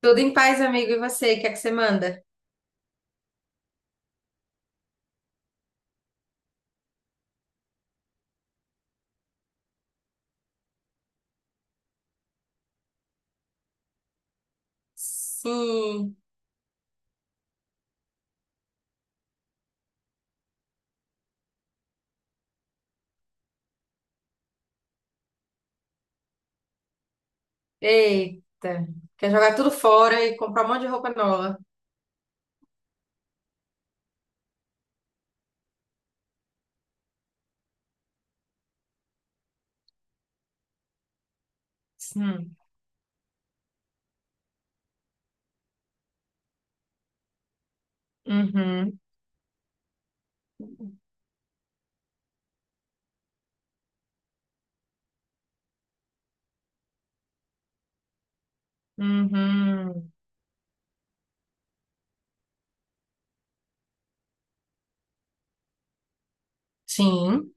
Tudo em paz, amigo. E você, o que é que você manda? Sim. Eita. Quer jogar tudo fora e comprar um monte de roupa nova. Sim. Uhum. Uhum. Sim.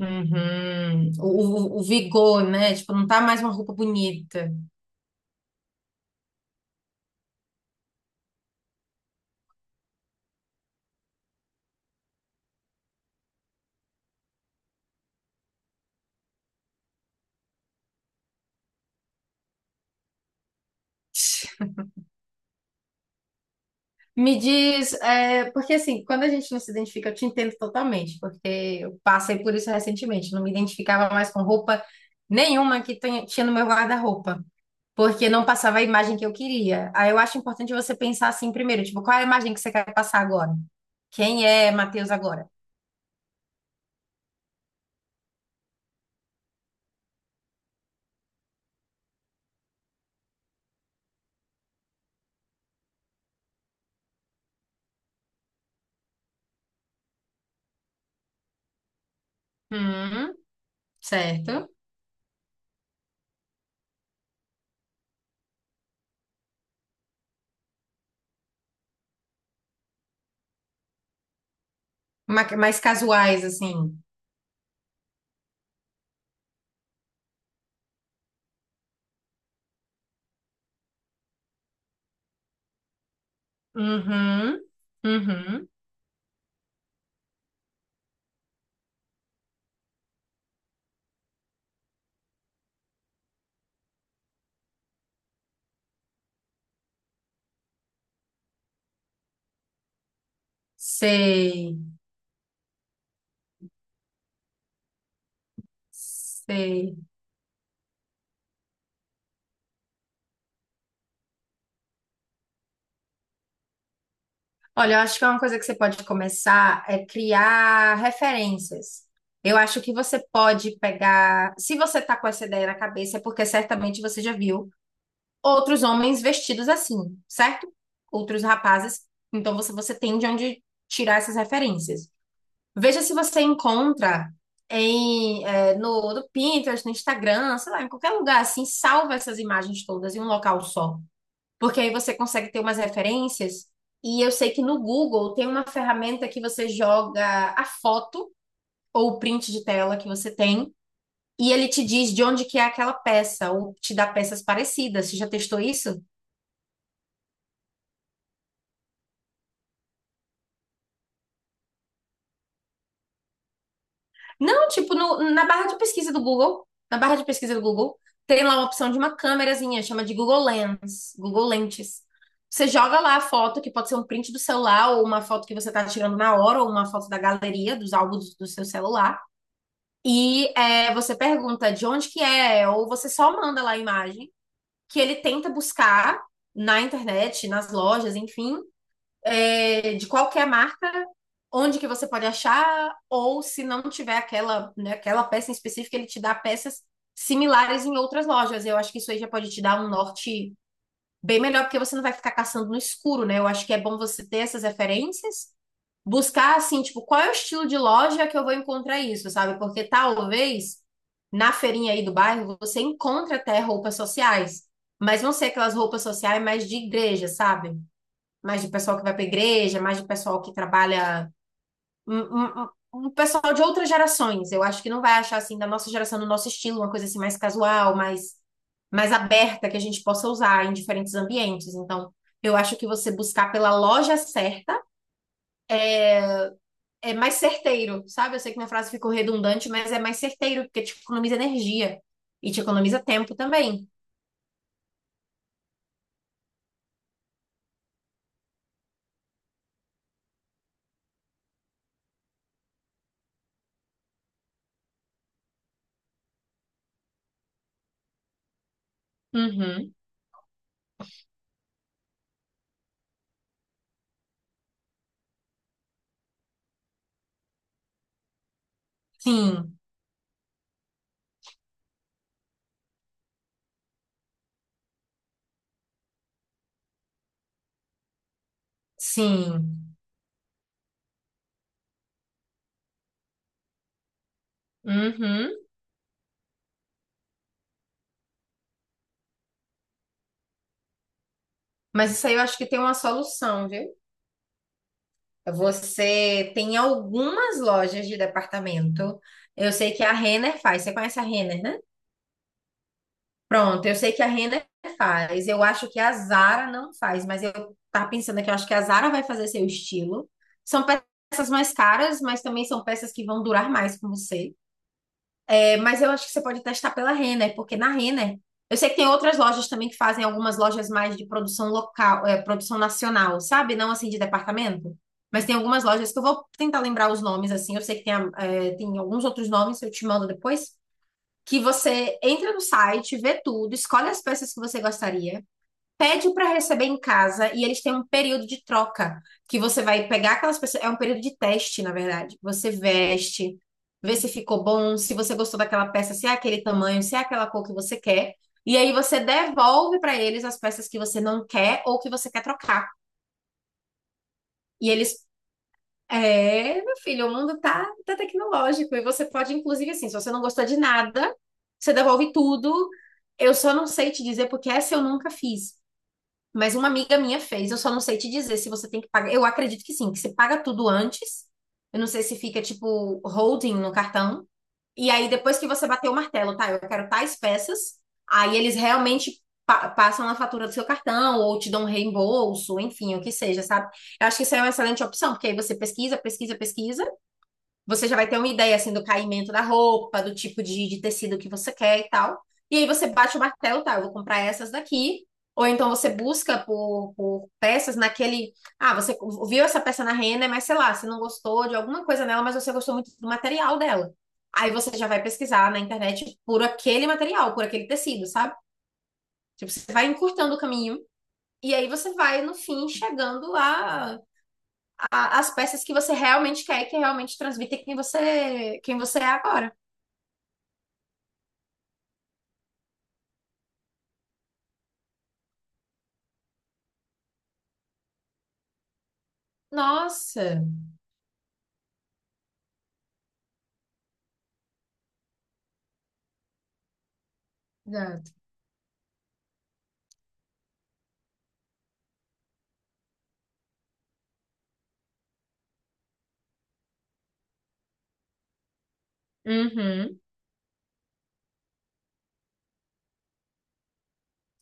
Uhum. O vigor, né? Tipo, não tá mais uma roupa bonita. Me diz, é, porque assim, quando a gente não se identifica, eu te entendo totalmente, porque eu passei por isso recentemente. Não me identificava mais com roupa nenhuma que tinha no meu guarda-roupa, porque não passava a imagem que eu queria. Aí eu acho importante você pensar assim primeiro, tipo, qual é a imagem que você quer passar agora? Quem é Matheus agora? Hum, certo. Mais casuais, assim. Uhum, uhum. Sei, sei. Olha, eu acho que uma coisa que você pode começar é criar referências. Eu acho que você pode pegar. Se você tá com essa ideia na cabeça, é porque certamente você já viu outros homens vestidos assim, certo? Outros rapazes. Então você tem de onde tirar essas referências. Veja se você encontra em, no Pinterest, no Instagram, sei lá, em qualquer lugar assim, salva essas imagens todas em um local só. Porque aí você consegue ter umas referências. E eu sei que no Google tem uma ferramenta que você joga a foto ou o print de tela que você tem, e ele te diz de onde que é aquela peça, ou te dá peças parecidas. Você já testou isso? Não, tipo, na barra de pesquisa do Google, na barra de pesquisa do Google, tem lá uma opção de uma câmerazinha, chama de Google Lens, Google Lentes. Você joga lá a foto, que pode ser um print do celular, ou uma foto que você tá tirando na hora, ou uma foto da galeria, dos álbuns do seu celular. E é, você pergunta de onde que é, ou você só manda lá a imagem, que ele tenta buscar na internet, nas lojas, enfim, é, de qualquer marca, onde que você pode achar, ou se não tiver aquela, né, aquela peça em específico, ele te dá peças similares em outras lojas. Eu acho que isso aí já pode te dar um norte bem melhor, porque você não vai ficar caçando no escuro, né? Eu acho que é bom você ter essas referências, buscar assim, tipo, qual é o estilo de loja que eu vou encontrar isso, sabe? Porque talvez na feirinha aí do bairro você encontra até roupas sociais, mas não ser aquelas roupas sociais mais de igreja, sabe? Mais de pessoal que vai para a igreja, mais de pessoal que trabalha. Um, um, um um pessoal de outras gerações. Eu acho que não vai achar assim, da nossa geração, do nosso estilo, uma coisa assim mais casual, mais, mais aberta, que a gente possa usar em diferentes ambientes. Então, eu acho que você buscar pela loja certa é mais certeiro, sabe? Eu sei que minha frase ficou redundante, mas é mais certeiro, porque te economiza energia e te economiza tempo também. Uhum. Sim, sim. Uhum. Mas isso aí eu acho que tem uma solução, viu? Você tem algumas lojas de departamento. Eu sei que a Renner faz. Você conhece a Renner, né? Pronto, eu sei que a Renner faz. Eu acho que a Zara não faz, mas eu tava pensando aqui, eu acho que a Zara vai fazer seu estilo. São peças mais caras, mas também são peças que vão durar mais com você. É, mas eu acho que você pode testar pela Renner, porque na Renner, eu sei que tem outras lojas também que fazem algumas lojas mais de produção local, é, produção nacional, sabe? Não assim de departamento. Mas tem algumas lojas que eu vou tentar lembrar os nomes, assim. Eu sei que tem, é, tem alguns outros nomes, eu te mando depois. Que você entra no site, vê tudo, escolhe as peças que você gostaria, pede para receber em casa e eles têm um período de troca que você vai pegar aquelas pessoas. É um período de teste, na verdade. Você veste, vê se ficou bom, se você gostou daquela peça, se é aquele tamanho, se é aquela cor que você quer. E aí você devolve para eles as peças que você não quer ou que você quer trocar. E eles. É, meu filho, o mundo tá tecnológico e você pode, inclusive, assim, se você não gostou de nada, você devolve tudo. Eu só não sei te dizer porque essa eu nunca fiz. Mas uma amiga minha fez, eu só não sei te dizer se você tem que pagar. Eu acredito que sim, que você paga tudo antes. Eu não sei se fica tipo holding no cartão. E aí depois que você bater o martelo, tá? Eu quero tais peças. Aí eles realmente passam a fatura do seu cartão ou te dão um reembolso, enfim, o que seja, sabe? Eu acho que isso é uma excelente opção, porque aí você pesquisa, você já vai ter uma ideia assim do caimento da roupa, do tipo de tecido que você quer e tal. E aí você bate o martelo, tá? Eu vou comprar essas daqui. Ou então você busca por peças naquele. Ah, você viu essa peça na Renner, mas sei lá, você não gostou de alguma coisa nela, mas você gostou muito do material dela. Aí você já vai pesquisar na internet por aquele material, por aquele tecido, sabe? Tipo, você vai encurtando o caminho. E aí você vai, no fim, chegando a as peças que você realmente quer e que realmente transmitem quem você é agora. Nossa, exato. Uhum.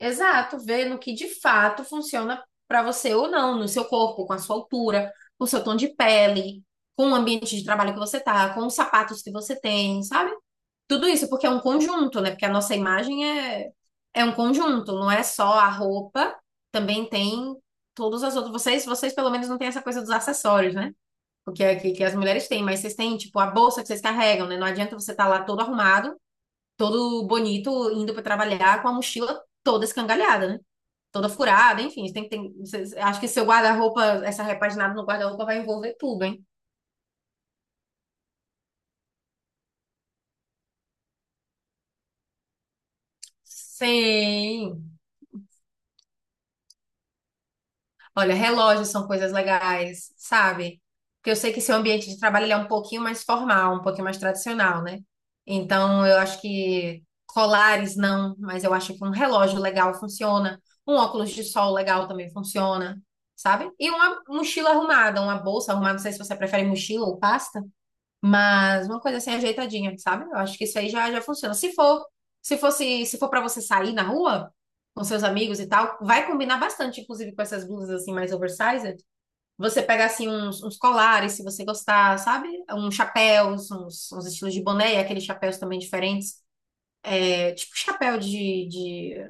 Exato, ver no que de fato funciona para você ou não, no seu corpo, com a sua altura, com o seu tom de pele, com o ambiente de trabalho que você tá, com os sapatos que você tem, sabe? Tudo isso porque é um conjunto, né? Porque a nossa imagem é é um conjunto, não é só a roupa, também tem todas as outras. Vocês pelo menos não têm essa coisa dos acessórios, né? O que, que as mulheres têm, mas vocês têm, tipo, a bolsa que vocês carregam, né? Não adianta você estar lá todo arrumado, todo bonito, indo para trabalhar com a mochila toda escangalhada, né? Toda furada, enfim. Tem, que tem, vocês- acho que seu guarda-roupa, essa repaginada no guarda-roupa vai envolver tudo, hein? Sim. Olha, relógios são coisas legais, sabe? Porque eu sei que seu ambiente de trabalho ele é um pouquinho mais formal, um pouquinho mais tradicional, né? Então, eu acho que colares não, mas eu acho que um relógio legal funciona, um óculos de sol legal também funciona, sabe? E uma mochila arrumada, uma bolsa arrumada, não sei se você prefere mochila ou pasta. Mas uma coisa assim ajeitadinha, sabe? Eu acho que isso aí já funciona. Se for para você sair na rua com seus amigos e tal, vai combinar bastante, inclusive com essas blusas assim mais oversized. Você pega assim uns colares, se você gostar, sabe? Uns chapéus, uns estilos de boné, e aqueles chapéus também diferentes. É, tipo chapéu de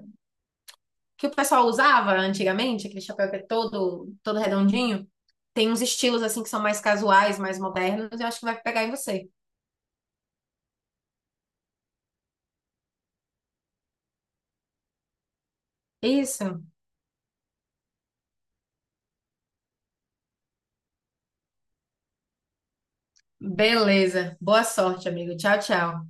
que o pessoal usava antigamente, aquele chapéu que é todo redondinho. Tem uns estilos assim que são mais casuais, mais modernos, eu acho que vai pegar em você. Isso. Beleza. Boa sorte, amigo. Tchau, tchau.